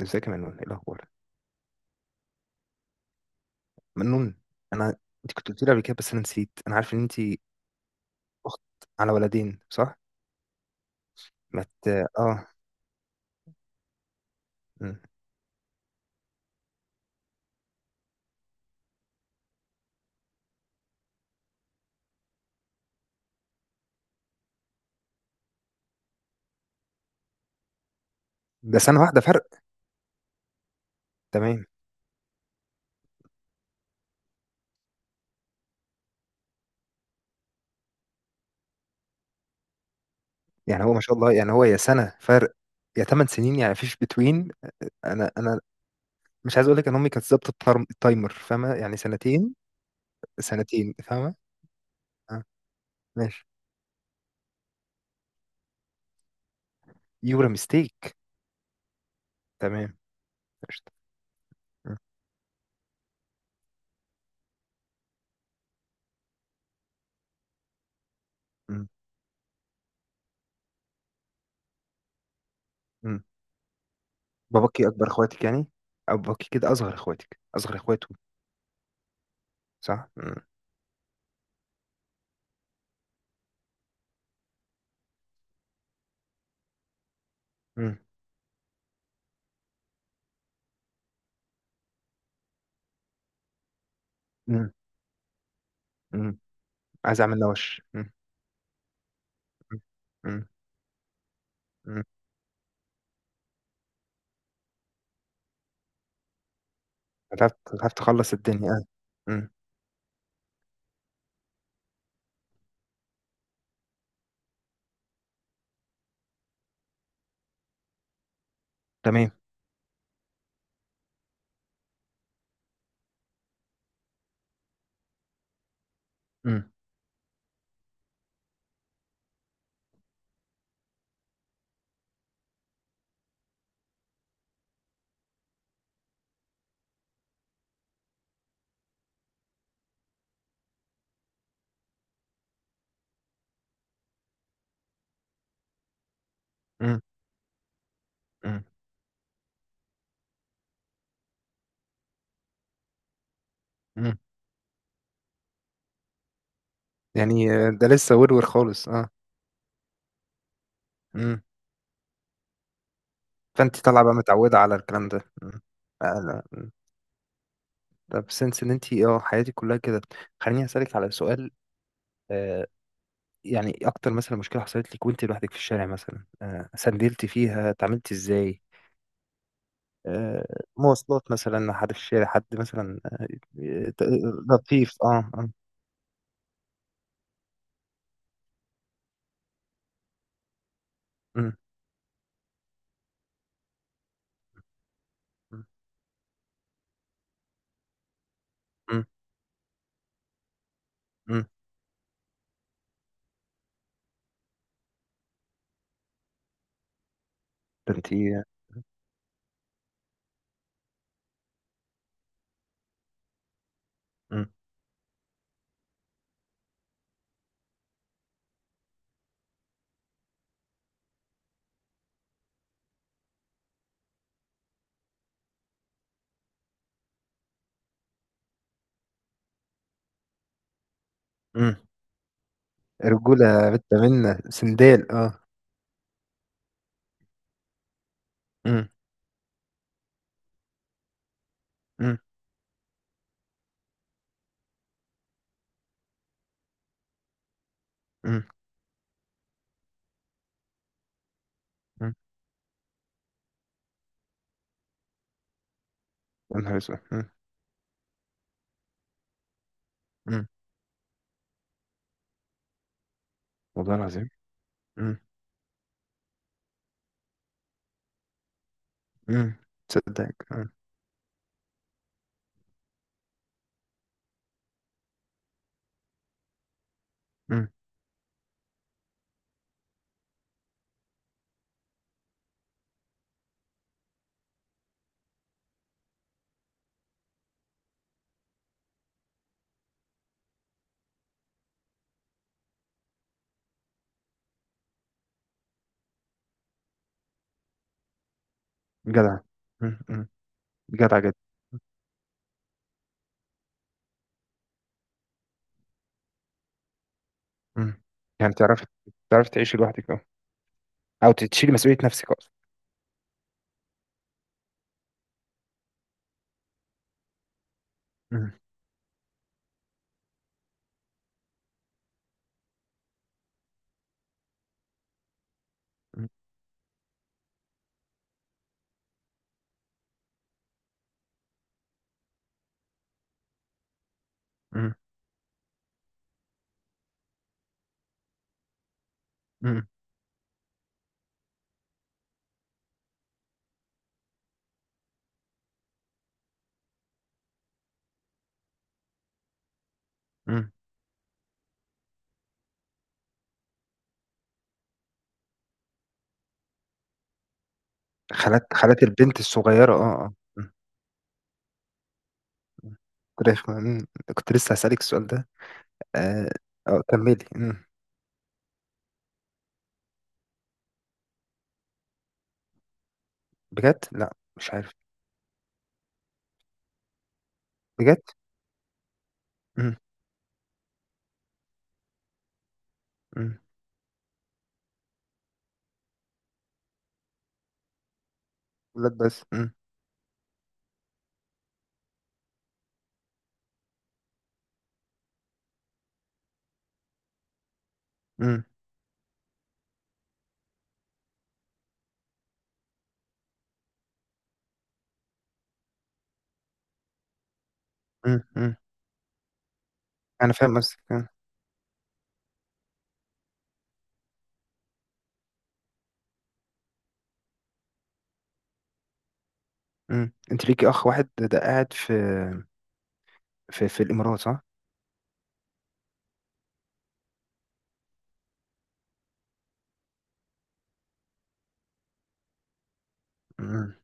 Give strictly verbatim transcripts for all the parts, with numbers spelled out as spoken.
ازيك يا منون، ايه الاخبار؟ منون. انا. انت كنت قلت لي قبل كده، بس انا نسيت. انا عارف ان انت اخت على ولدين، صح؟ ما مت... اه. مم. ده سنه واحده فرق. تمام. يعني هو ما شاء الله، يعني هو يا سنه فرق يا ثمان سنين، يعني فيش بتوين. انا انا مش عايز اقول لك ان امي كانت ظابطه الترم- التايمر، فاهمه؟ يعني سنتين. سنتين، فاهمه. اه. ماشي. يورا ميستيك. تمام. قشطة. مم. مم. مم. باباكي اكبر اخواتك، يعني؟ أو باباكي كده اصغر اخواتك اصغر اخواته؟ صح. مم. مم. مم. عايز اعمل نوش. مم. مم. مم. مم. هتعرف هتعرف تخلص الدنيا، اه. مم. تمام. مم. مم. مم. مم. يعني آه، ده لسه ورور خالص، اه. مم. فانت طالعه بقى متعوده على الكلام ده. مم. آه، لا. مم. طب سنس ان انت اه حياتك كلها كده. خليني اسالك على سؤال. آه يعني اكتر مثلا مشكله حصلت لك وانت لوحدك في الشارع، مثلا آه سندلتي فيها اتعاملتي ازاي؟ آه مواصلات مثلا، حد في الشارع، حد مثلا آه، آه، لطيف، اه، آه. مم. مم. مم. ده انت ايه؟ مم. مم. رجولة بنت، منا سندال، اه. مم. مم. مم. مم. يا نهار اسود. مم. مم. والله العظيم. مم. مم. تصدق؟ مم. مم. جدع. مم. مم. جدع جدا. مم. يعني تعرف تعرف تعيشي لوحدك، اه؟ او تشيلي مسؤولية نفسك اصلا؟ مم. مم. مم. مم. مم. خالات، خالات البنت الصغيرة، اه، اه. مم. مم. كنت كنت لسه هسألك السؤال ده. آه آه، كملي إمم. بجد؟ لا، مش عارف. بجد؟ امم. امم. ولاد بس. امم. امم. امم. امم. انا فاهم، بس. امم. انت ليكي اخ واحد، ده ده قاعد في في في الامارات، صح؟ امم.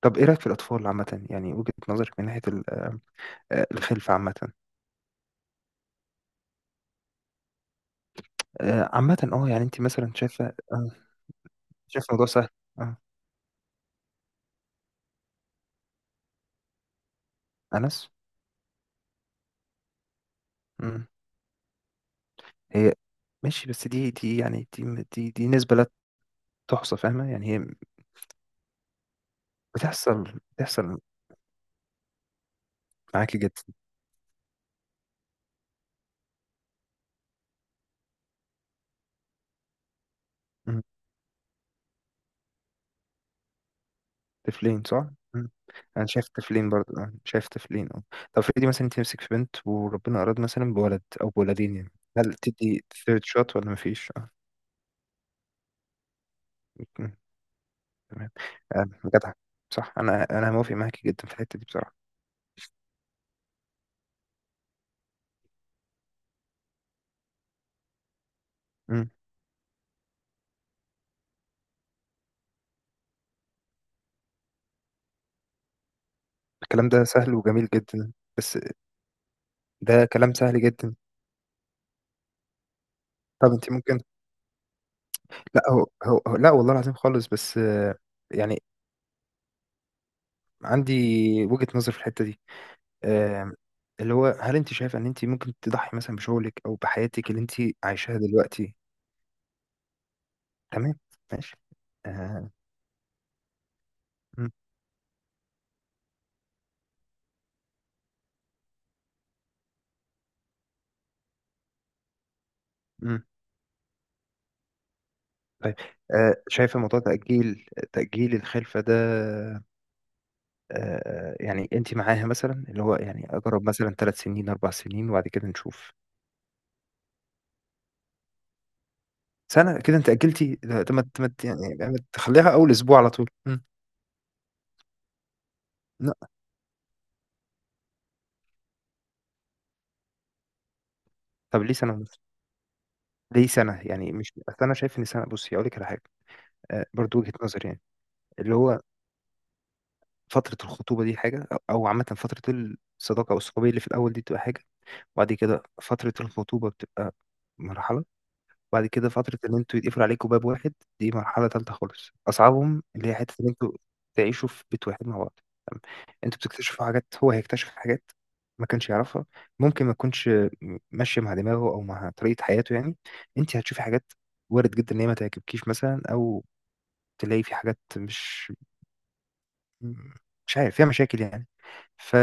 طب ايه رايك في الاطفال عامه، يعني وجهة نظرك من ناحيه ال- آه، الخلفه عامه؟ آه، عامه، اه، يعني انت مثلا شايفه آه، شايفه الموضوع سهل؟ اه. انس. امم. هي ماشي، بس دي دي يعني دي دي دي نسبه لا تحصى، فاهمه؟ يعني هي بتحصل بتحصل. معاكي جدا. طفلين، صح؟ مم. انا شايف طفلين برضه، أنا شايف طفلين، اه. طب افرضي مثلا انت نفسك في بنت، وربنا اراد مثلا بولد او بولدين، يعني هل تدي ثيرد شوت ولا مفيش؟ اه. مم. تمام. آه، جدع. صح، انا انا موافق معاكي جدا في الحته دي بصراحه. مم. الكلام ده سهل وجميل جدا، بس ده كلام سهل جدا. طب انت ممكن. لا، هو هو هو- لا، والله العظيم خالص، بس آه، يعني عندي وجهة نظر في الحته دي. آم، اللي هو، هل انت شايفه ان انت ممكن تضحي مثلا بشغلك او بحياتك اللي انت عايشاها دلوقتي؟ تمام. ماشي. آه. مم. مم. طيب. آه. شايفه موضوع تأجيل تأجيل الخلفه ده؟ آه. يعني انت معاها، مثلا اللي هو يعني اجرب مثلا ثلاث سنين اربع سنين وبعد كده نشوف؟ سنه كده انت أجلتي، ده ده ما ت- ما ت- يعني ما تخليها اول اسبوع على طول؟ مم. لا. طب ليه سنه ونص؟ ليه سنه يعني؟ مش اصل انا شايف ان سنه، بصي اقول لك على حاجه. آه، برضو وجهه نظري يعني، اللي هو فترة الخطوبة دي حاجة، أو أو عامة فترة الصداقة أو الصحوبية اللي في الأول دي بتبقى حاجة، وبعد كده فترة الخطوبة بتبقى مرحلة، وبعد كده فترة إن أنتوا يتقفل عليكوا باب واحد، دي مرحلة تالتة خالص، أصعبهم اللي هي حتة إن أنتوا تعيشوا في بيت واحد مع بعض. تمام. أنتوا بتكتشفوا حاجات، هو هيكتشف حاجات ما كانش يعرفها، ممكن ما تكونش ماشية مع دماغه أو مع طريقة حياته يعني، أنت هتشوفي حاجات وارد جدا إن هي ما تعجبكيش مثلا، أو تلاقي في حاجات مش مش عارف فيها مشاكل يعني. ف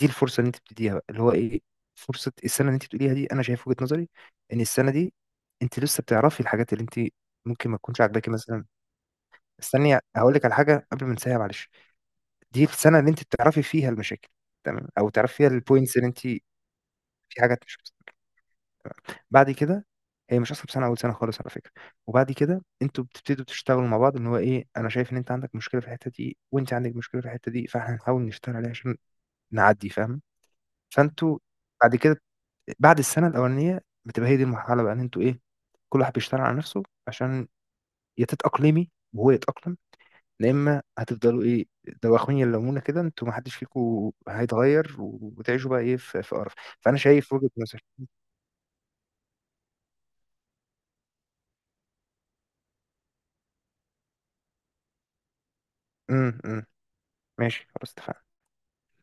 دي الفرصه اللي انت بتديها بقى، اللي هو ايه، فرصه السنه اللي انت بتقوليها دي. انا شايف وجهه نظري ان السنه دي انت لسه بتعرفي الحاجات اللي انت ممكن ما تكونش عاجباكي مثلا. استني هقول لك على حاجه قبل ما انساها، معلش. دي السنه اللي انت بتعرفي فيها المشاكل، تمام، او تعرفي فيها البوينتس اللي انت في حاجات مش بس. بعد كده هي مش اصعب سنه اول سنه خالص، على فكره. وبعد كده انتوا بتبتدوا تشتغلوا مع بعض، ان هو ايه، انا شايف ان انت عندك مشكله في الحته دي وانت عندك مشكله في الحته دي، فاحنا هنحاول نشتغل عليها عشان نعدي، فاهم؟ فانتوا بعد كده، بعد السنه الاولانيه بتبقى هي دي المرحله بقى ان انتوا ايه، كل واحد بيشتغل على نفسه عشان يا تتاقلمي وهو يتاقلم، يا اما هتفضلوا ايه، دواخين يلمونا كده، انتوا ما حدش فيكم هيتغير وتعيشوا بقى ايه في في قرف. فانا شايف وجهه نظري. امم. أمم. ماشي، خلاص، اتفقنا.